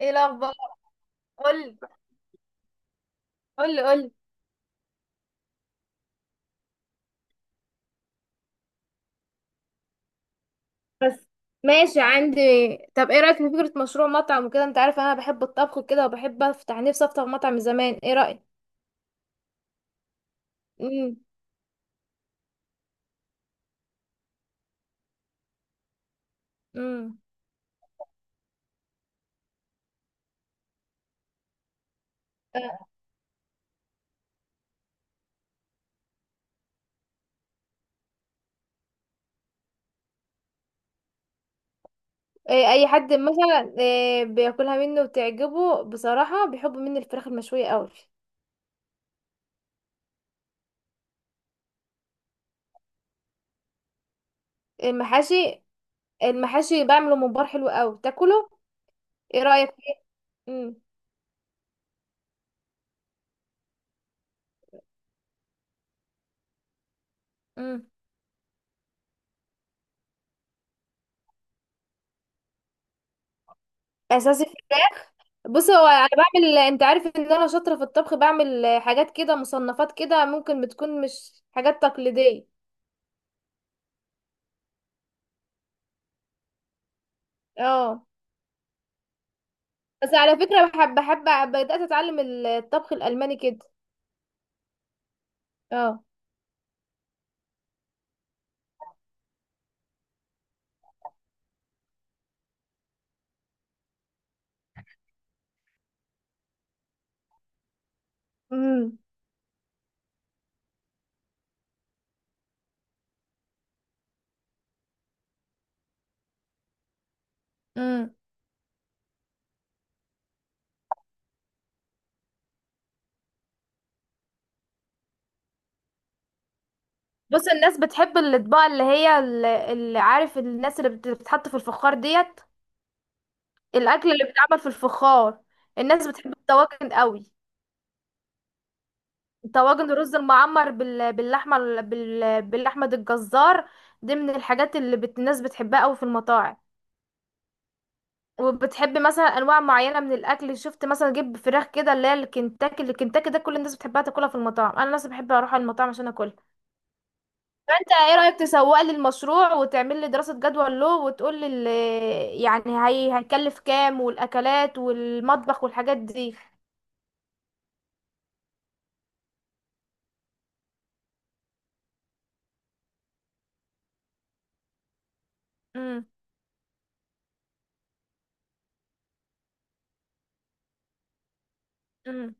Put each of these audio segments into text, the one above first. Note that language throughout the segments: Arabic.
ايه الاخبار؟ قولي قولي قولي. بس ماشي عندي. طب ايه رأيك في فكرة مشروع مطعم وكده؟ انت عارف انا بحب الطبخ وكده، وبحب افتح نفسي افتح مطعم من زمان. ايه رأيك؟ امم امم إيه، اي حد مثلا إيه بياكلها مني وتعجبه؟ بصراحة بيحب مني الفراخ المشوية قوي. المحاشي المحاشي بعمله ممبار حلو قوي تاكله. ايه رأيك فيه؟ امم امم اساسي. بص، هو انا بعمل، انت عارف ان انا شاطره في الطبخ، بعمل حاجات كده مصنفات كده، ممكن بتكون مش حاجات تقليديه. اه. بس على فكره بحب بحب بدات اتعلم الطبخ الالماني كده. اه. امم امم بص، الناس بتحب الاطباق اللي هي، اللي عارف، الناس اللي بتتحط في الفخار ديت، الاكل اللي بيتعمل في الفخار. الناس بتحب الطواجن قوي. طواجن الرز المعمر باللحمه باللحمه، دي الجزار. دي من الحاجات اللي الناس بتحبها قوي في المطاعم. وبتحب مثلا انواع معينه من الاكل، شفت مثلا جيب فراخ كده اللي هي الكنتاكي. الكنتاكي ده كل الناس بتحبها تاكلها في المطاعم، انا نفسي بحب اروح على المطاعم عشان اكلها. فانت ايه رايك تسوق لي المشروع وتعمل لي دراسه جدوى له، وتقول لي يعني هيكلف كام، والاكلات والمطبخ والحاجات دي؟ امم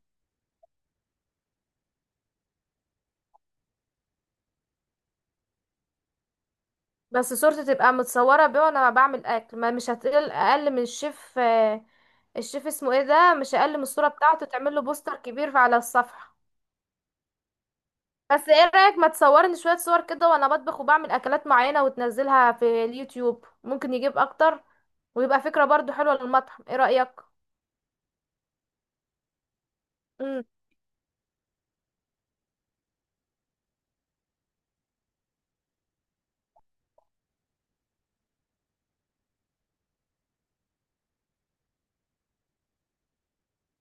بس صورتي تبقى متصورة بيه وانا بعمل اكل، ما مش هتقل اقل من الشيف. الشيف اسمه ايه ده، مش اقل من الصورة بتاعته، تعمل له بوستر كبير على الصفحة. بس ايه رأيك ما تصورني شوية صور كده وانا بطبخ وبعمل اكلات معينة، وتنزلها في اليوتيوب؟ ممكن يجيب اكتر، ويبقى فكرة برضو حلوة للمطعم. ايه رأيك؟ مم.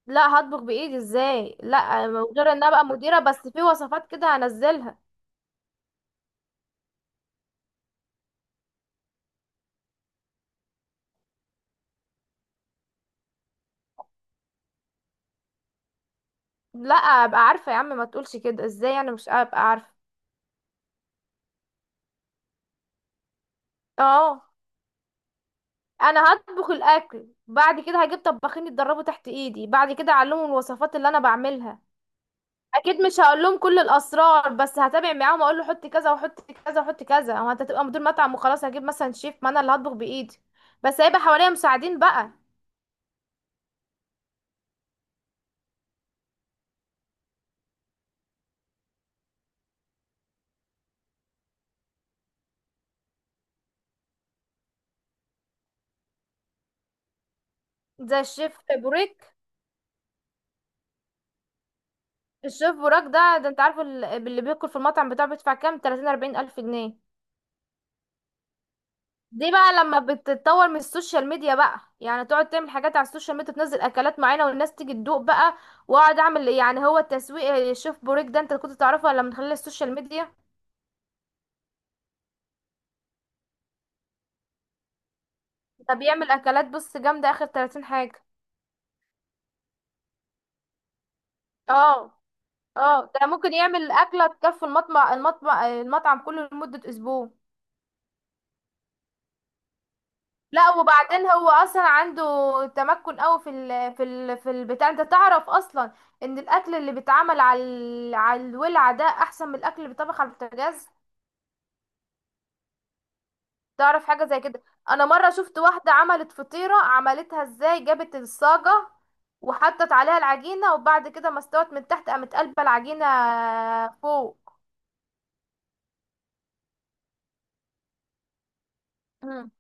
لا، هطبخ بايدي، ازاي؟ لا. غير ان ابقى مديرة، بس في وصفات كده هنزلها. لا، ابقى عارفة يا عم، ما تقولش كده، ازاي يعني مش ابقى عارفة؟ اه. انا هطبخ الاكل، بعد كده هجيب طباخين يتدربوا تحت ايدي، بعد كده اعلمهم الوصفات اللي انا بعملها. اكيد مش هقول لهم كل الاسرار، بس هتابع معاهم، اقول له حط كذا وحط كذا وحط كذا. هو انت هتبقى مدير مطعم وخلاص؟ هجيب مثلا شيف، ما انا اللي هطبخ بايدي، بس هيبقى حواليا مساعدين بقى. زي الشيف بوريك. الشيف بوراك ده، ده انت عارف، اللي بياكل في المطعم بتاعه بيدفع كام؟ 30 40 الف جنيه. دي بقى لما بتتطور من السوشيال ميديا بقى، يعني تقعد تعمل حاجات على السوشيال ميديا، تنزل اكلات معينه والناس تيجي تدوق بقى، واقعد اعمل، يعني هو التسويق. الشيف بوريك ده انت كنت تعرفه ولا من خلال السوشيال ميديا؟ ده بيعمل اكلات، بص، جامده اخر 30 حاجه. اه. اه، ده ممكن يعمل اكله تكفي المطمع المطمع المطعم كله لمده اسبوع. لا، وبعدين هو اصلا عنده تمكن قوي في البتاع، انت تعرف اصلا ان الاكل اللي بيتعمل على على الولعه ده احسن من الاكل اللي بيتطبخ على البوتاجاز. تعرف حاجة زي كده؟ انا مرة شفت واحدة عملت فطيرة، عملتها ازاي؟ جابت الصاجة وحطت عليها العجينة، وبعد كده ما استوت من تحت قامت قلبة العجينة فوق. مم.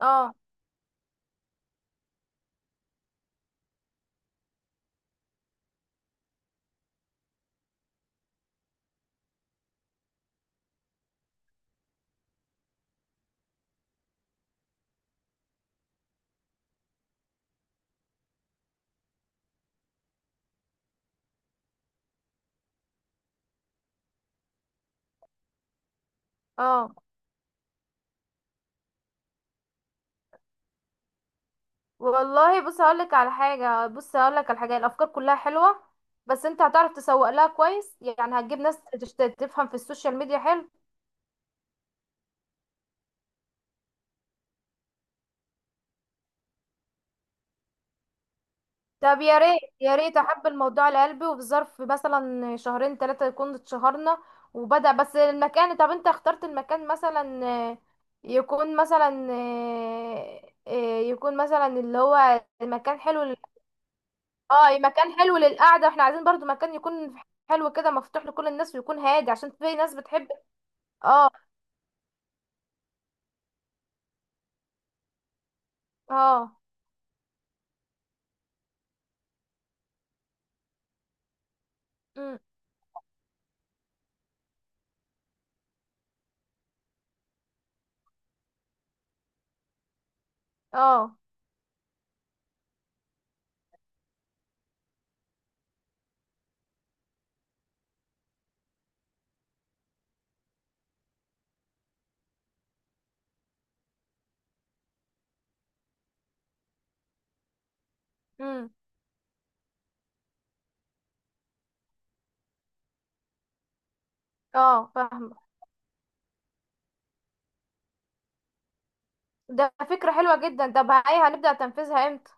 اه. اه، والله بص هقولك على حاجة، بص هقولك على حاجة، الافكار كلها حلوة، بس انت هتعرف تسوق لها كويس، يعني هتجيب ناس تفهم في السوشيال ميديا؟ حلو. طب يا ريت، يا ريت احب الموضوع لقلبي، وفي ظرف مثلا شهرين 3 يكون اتشهرنا وبدأ بس المكان. طب انت اخترت المكان مثلا؟ يكون مثلا يكون مثلا اللي هو مكان حلو اه، مكان حلو للقعدة. احنا عايزين برضو مكان يكون حلو كده مفتوح لكل الناس، ويكون هادي عشان في ناس بتحب. اه. اه. مم، اه. مم، اه فاهمة. ده فكرة حلوة جدا. طب هاي هنبدأ تنفيذها امتى؟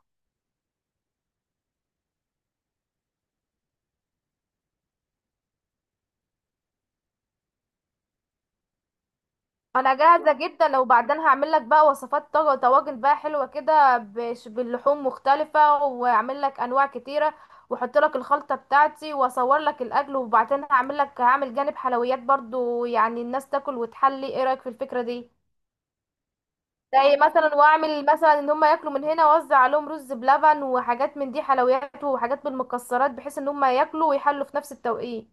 انا جاهزه جدا. لو بعدين هعمل لك بقى وصفات طاجن، طواجن بقى حلوه كده باللحوم مختلفه، واعمل لك انواع كتيره، واحط لك الخلطه بتاعتي، واصور لك الاكل. وبعدين هعمل جانب حلويات برضو، يعني الناس تاكل وتحلي. ايه رايك في الفكره دي؟ زي مثلا واعمل مثلا ان هم ياكلوا من هنا، واوزع عليهم رز بلبن وحاجات من دي، حلويات وحاجات بالمكسرات، بحيث ان هم ياكلوا ويحلوا في نفس التوقيت.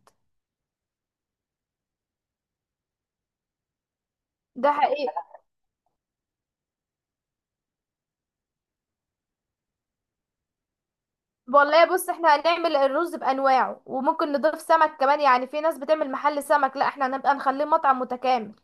ده حقيقي. والله بص احنا هنعمل الرز بانواعه، وممكن نضيف سمك كمان، يعني في ناس بتعمل محل سمك، لا احنا هنبقى نخليه مطعم متكامل.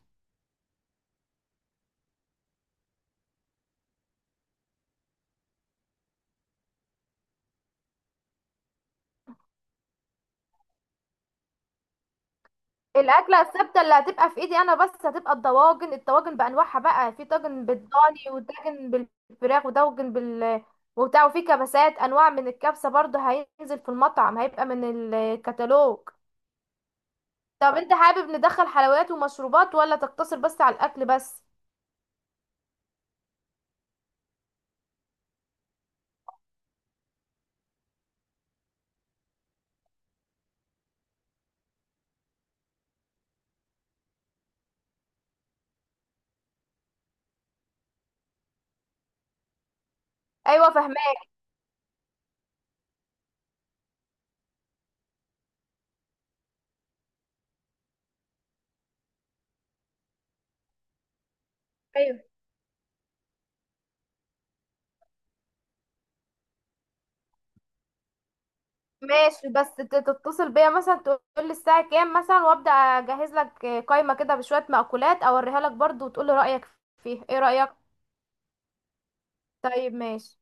الاكله الثابته اللي هتبقى في ايدي انا بس هتبقى الطواجن بانواعها بقى، في طاجن بالضاني، وطاجن بالفراخ، وطاجن بال وبتاع، وفي كبسات، انواع من الكبسه برضه هينزل في المطعم، هيبقى من الكتالوج. طب انت حابب ندخل حلويات ومشروبات ولا تقتصر بس على الاكل بس؟ ايوه، فهماك. ماشي. بس تتصل بيا مثلا، تقول لي الساعة كام مثلا، وابدأ اجهز لك قائمة كده بشوية مأكولات، اوريها لك برضو، وتقول لي رأيك فيها. ايه رأيك؟ طيب ماشي.